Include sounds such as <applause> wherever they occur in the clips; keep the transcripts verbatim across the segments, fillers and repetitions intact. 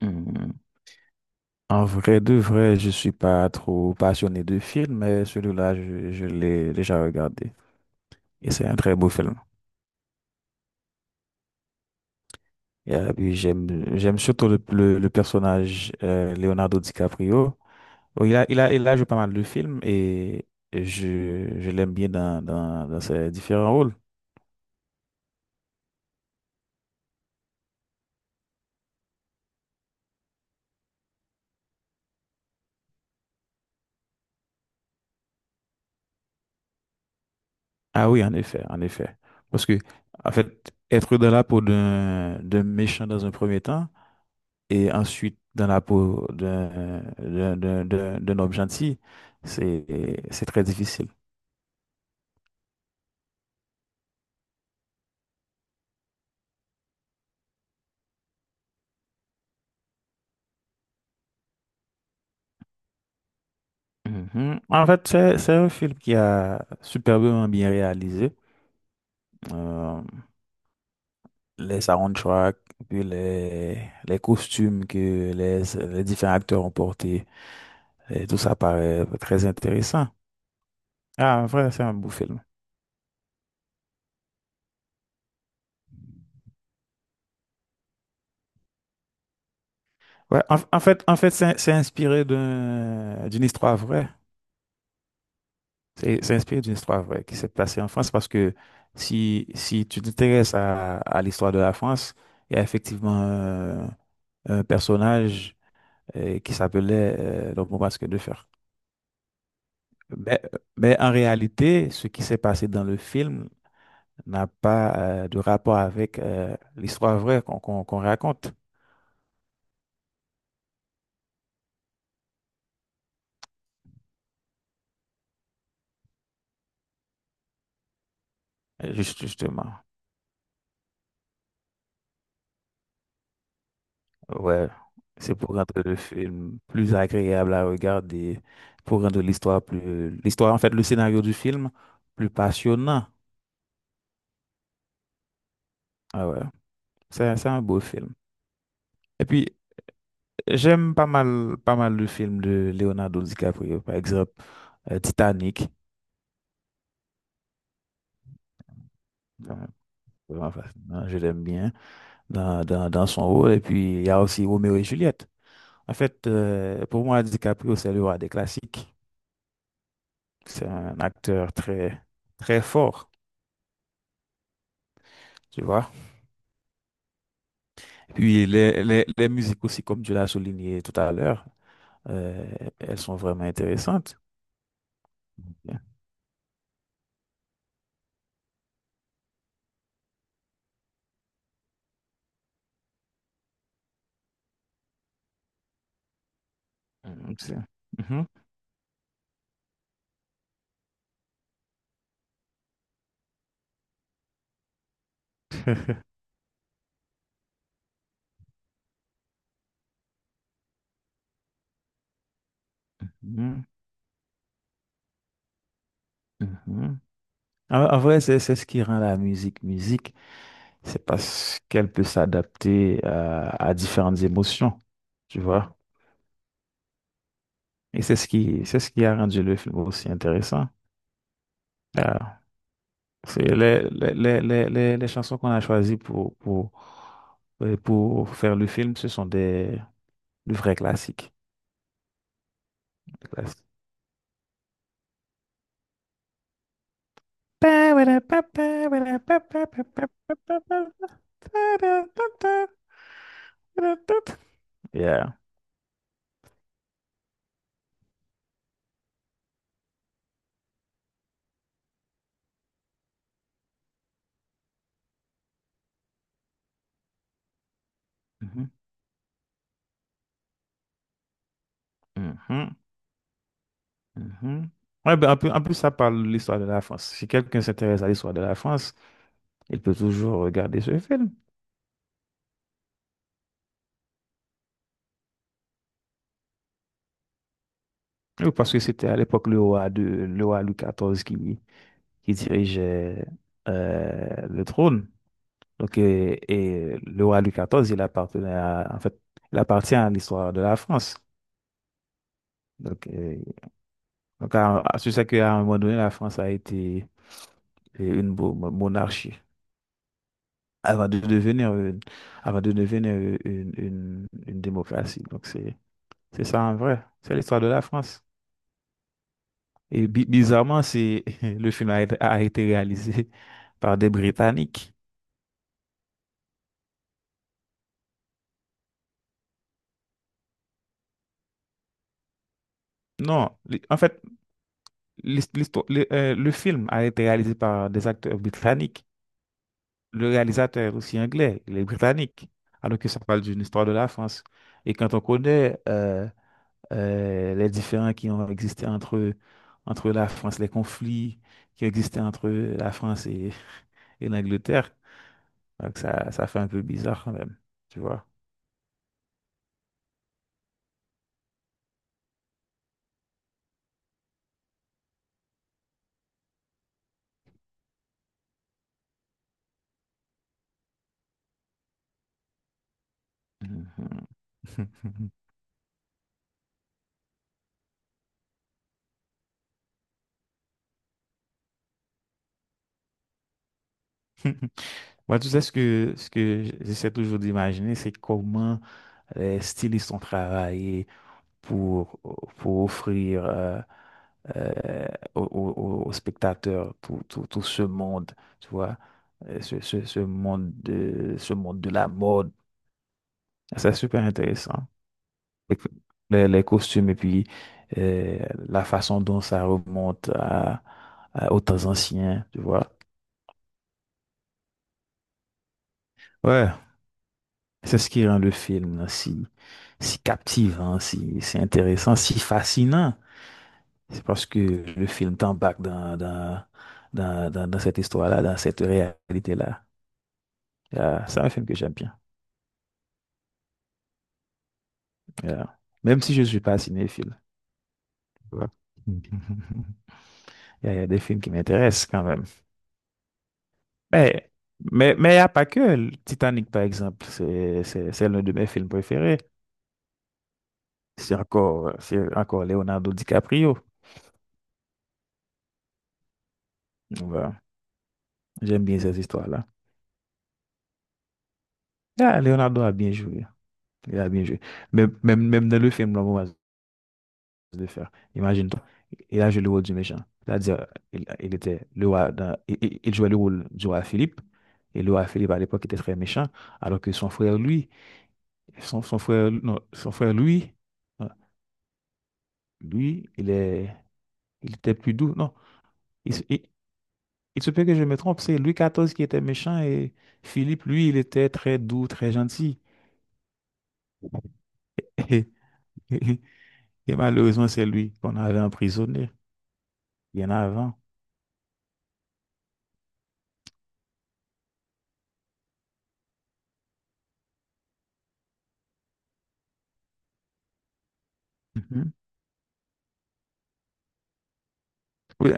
Hmm. En vrai de vrai, je suis pas trop passionné de films, mais celui-là, je, je l'ai déjà regardé. Et c'est un très beau film. Et euh, puis j'aime, j'aime surtout le, le- le personnage euh, Leonardo DiCaprio. Oh, Il a, il a, il a joué pas mal de films et je, je l'aime bien dans, dans, dans ses différents rôles. Ah oui, en effet, en effet. Parce que, en fait, être dans la peau d'un d'un méchant dans un premier temps, et ensuite dans la peau d'un d'un- d'un- d'un- d'un homme gentil, c'est c'est très difficile. Mhm. En fait, c'est c'est un film qui a superbement bien réalisé. Euh, les soundtracks, puis les, les costumes que les, les différents acteurs ont portés, et tout ça paraît très intéressant. Ah, en vrai, c'est un beau film. Ouais, en, en fait, en fait, c'est c'est inspiré d'un- d'une histoire vraie. C'est c'est inspiré d'une histoire vraie qui s'est passée en France parce que si, si tu t'intéresses à, à l'histoire de la France, il y a effectivement euh, un personnage euh, qui s'appelait euh, donc Montbasque de Fer. Mais, mais en réalité, ce qui s'est passé dans le film n'a pas euh, de rapport avec euh, l'histoire vraie qu'on qu'on qu'on raconte, euh, juste- justement. Ouais, c'est pour rendre le film plus agréable à regarder, pour rendre l'histoire plus L'histoire, en fait, le scénario du film plus passionnant. Ah ouais, c'est c'est un beau film. Et puis, j'aime pas mal, pas mal le film de Leonardo DiCaprio, par exemple, euh, Titanic. Euh, vraiment fascinant, je l'aime bien dans, dans, dans son rôle. Et puis, il y a aussi Roméo et Juliette. En fait, euh, pour moi, DiCaprio, c'est le roi des classiques. C'est un acteur très, très fort, tu vois. Puis les, les, les musiques aussi, comme tu l'as souligné tout à l'heure, euh, elles sont vraiment intéressantes. Mm, c'est- Mhm. <laughs> Mhm, mhm. En, en vrai, c'est c'est ce qui rend la musique musique, c'est parce qu'elle peut s'adapter à, à différentes émotions, tu vois. Et c'est ce qui, c'est ce qui a rendu le film aussi intéressant. Ah, c'est les, les, les, les, les- les chansons qu'on a choisies pour, pour, euh, pour faire le film, ce sont des, de vrais classiques. Classe. Yeah. Mhm, mhm, mhm. Ouais, ben, en plus, en plus, ça parle de l'histoire de la France. Si quelqu'un s'intéresse à l'histoire de la France, il peut toujours regarder ce film. Oui, parce que c'était à l'époque le roi de, le roi Louis quatorze qui, qui dirigeait euh, le trône. Donc, et, et le roi Louis quatorze, il appartenait à- en fait, il appartient à l'histoire de la France. Donc, euh, Donc, à- à- c'est ça qu'à un moment donné, la France a été une bo- monarchie avant de devenir une, avant de devenir une, une- une- démocratie. Donc, c'est, c'est ça en vrai. C'est l'histoire de la France. Et bi- bizarrement, c'est, <laughs> le film a été, a été réalisé par des Britanniques. Non, li- en fait, l'his- l'histoire- le, euh, le film a été réalisé par des acteurs britanniques. Le réalisateur est aussi anglais, il est britannique, alors que ça parle d'une histoire de la France. Et quand on connaît euh, euh, les différends qui ont existé entre, entre la France, les conflits qui ont existé entre la France et, <laughs> et l'Angleterre. Donc ça, ça fait un peu bizarre quand même, tu vois. Mhm. <laughs> Moi, tu sais, ce que, ce que j'essaie toujours d'imaginer, c'est comment les stylistes ont travaillé pour, pour offrir euh, euh, aux, aux- aux spectateurs tout, tout, tout ce monde, tu vois, euh, ce, ce, ce monde de, ce monde de la mode. C'est super intéressant. Les, les- les costumes et puis euh, la façon dont ça remonte à, à- aux temps anciens, tu vois. Ouais, c'est ce qui rend le film si, si captivant, si, si intéressant, si fascinant. C'est parce que le film t'embarque dans, dans, dans, dans, dans cette histoire-là, dans cette réalité-là. Euh, c'est un film que j'aime bien. Euh, Même si je ne suis pas cinéphile. Tu vois. <laughs> Il y a il y a des films qui m'intéressent quand même. Mais mais mais il n'y a pas que le Titanic, par exemple. C'est c'est- c'est l'un de mes films préférés. C'est encore, c'est encore Leonardo DiCaprio. Voilà. J'aime bien ces histoires-là. Ah, Leonardo a bien joué. Il a bien joué. Même, même, même dans le film, le moment de faire. Imagine-toi. Il a joué le rôle du méchant. C'est-à-dire, il, il était le roi dans- il, il- il jouait le rôle du roi Philippe. Et le roi Philippe, à l'époque, était très méchant. Alors que son frère, lui, son, son frère, non, son frère, lui, euh, lui, il est. Il était plus doux. Non, il, se il- il se peut que je me trompe. C'est Louis quatorze qui était méchant et Philippe, lui, il était très doux, très gentil. <laughs> Et, et- et malheureusement, c'est lui qu'on avait emprisonné bien avant. Mhm. Oui.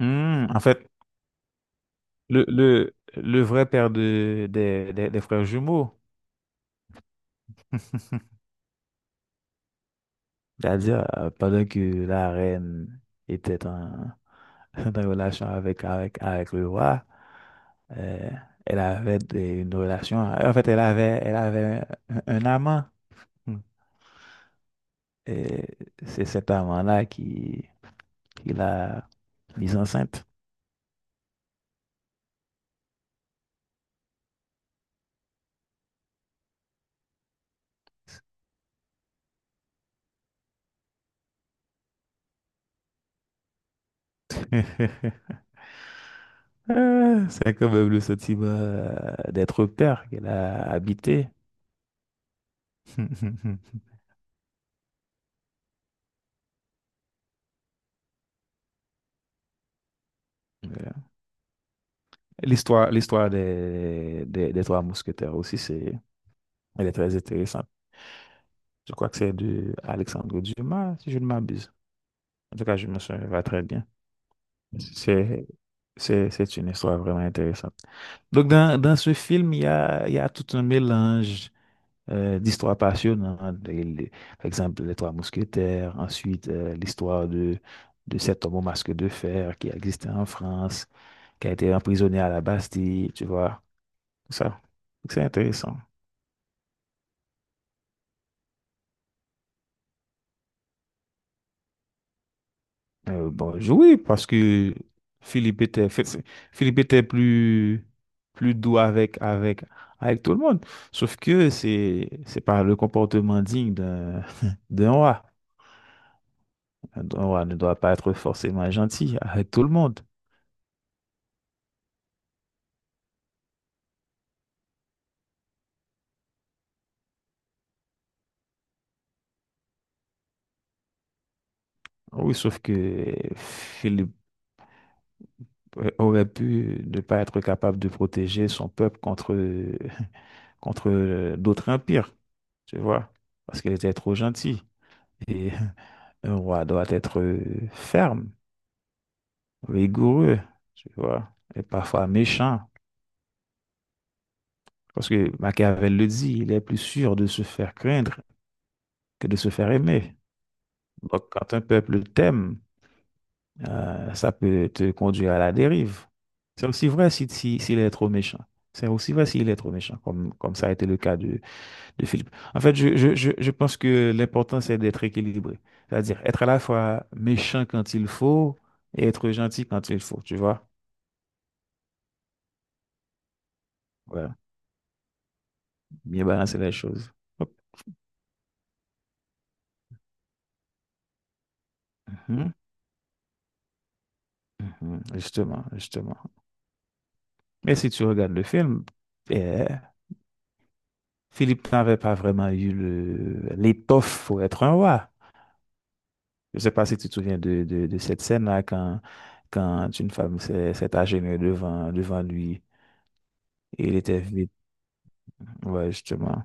Hmm, en fait, le, le, le vrai père de, des, des- des frères jumeaux, <laughs> c'est-à-dire euh, pendant que la reine était en, <laughs> une relation avec, avec, avec le roi. Euh, elle avait des- une relation. En fait, elle avait, elle avait un, un amant. Hmm. Et c'est cet amant-là qui, qui l'a mise enceinte. <laughs> Ah, c'est quand même le sentiment euh, d'être père qu'elle a habité. <laughs> Voilà. L'histoire, l'histoire des, des, des Trois Mousquetaires aussi, c'est, elle est très intéressante. Je crois que c'est de Alexandre Dumas, si je ne m'abuse. En tout cas, je me souviens pas très bien. C'est, c'est, c'est une histoire vraiment intéressante. Donc, dans, dans ce film, il y a, il y a tout un mélange euh, d'histoires passionnantes. Et les- par exemple, les Trois Mousquetaires, ensuite, euh, l'histoire de, de cet homme au masque de fer qui existait en France, qui a été emprisonné à la Bastille, tu vois, tout ça. Donc, c'est intéressant. Euh, bon, je- oui, parce que Philippe était, Fi- Fi- Philippe était plus, plus doux avec, avec, avec tout le monde. Sauf que c'est, c'est pas le comportement digne d'un, <laughs> d'un roi. Un roi ne doit pas être forcément gentil avec tout le monde. Oui, sauf que Philippe euh, aurait pu ne pas être capable de protéger son peuple contre, <laughs> contre euh, d'autres empires, tu vois, parce qu'il était trop gentil. Et <laughs> un roi doit être euh, ferme, rigoureux, tu vois, et parfois méchant. Parce que Machiavel le dit, il est plus sûr de se faire craindre que de se faire aimer. Donc, quand un peuple t'aime, euh, ça peut te conduire à la dérive. C'est aussi vrai si, si- s'il est trop méchant. C'est aussi vrai s'il est trop méchant, comme, comme ça a été le cas de, de Philippe. En fait, je, je, je, je pense que l'important, c'est d'être équilibré. C'est-à-dire être à la fois méchant quand il faut et être gentil quand il faut, tu vois. Voilà, bien balancer les choses. Hop. Mhm. Mhm, justement, justement. Mais si tu regardes le film, eh, Philippe n'avait pas vraiment eu le, l'étoffe pour être un roi. Je ne sais pas si tu te souviens de, de, de cette scène-là quand, quand une femme s'est s'est agenouillée devant, devant lui et il était vide. Ouais, justement.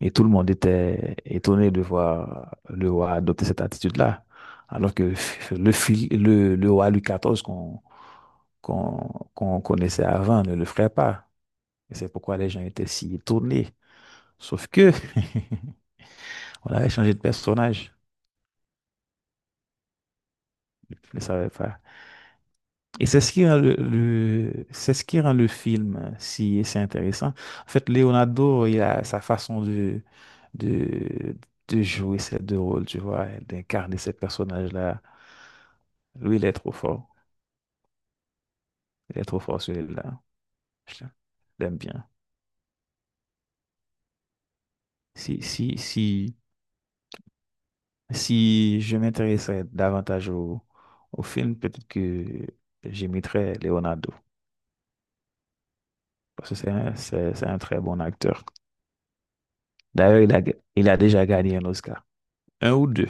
Et tout le monde était étonné de voir le roi adopter cette attitude-là. Alors que le, Phil- le, le roi Louis quatorze qu'on qu'on qu'on connaissait avant ne le ferait pas. Et c'est pourquoi les gens étaient si étonnés. Sauf que <laughs> on avait changé de personnage. Je ne savais pas. Et c'est ce qui rend le, le- c'est ce qui rend le film si c'est intéressant. En fait, Leonardo, il a sa façon de, de, de jouer ces deux rôles, tu vois, et d'incarner ces personnages-là. Lui, il est trop fort. Il est trop fort, celui-là. Je l'aime bien. Si, si, si. Si je m'intéressais davantage au, au film, peut-être que j'imiterais Leonardo, parce que c'est un, c'est, c'est un très bon acteur. D'ailleurs, il a, il a déjà gagné un Oscar. Un ou deux.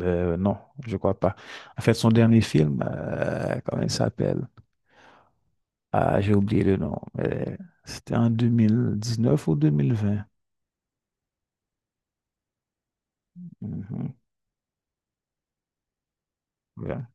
Euh, non, je crois pas. En fait, son dernier film, euh, comment il s'appelle? Ah, j'ai oublié le nom. Mais c'était en deux mille dix-neuf ou deux mille vingt. Mhm. Ouais.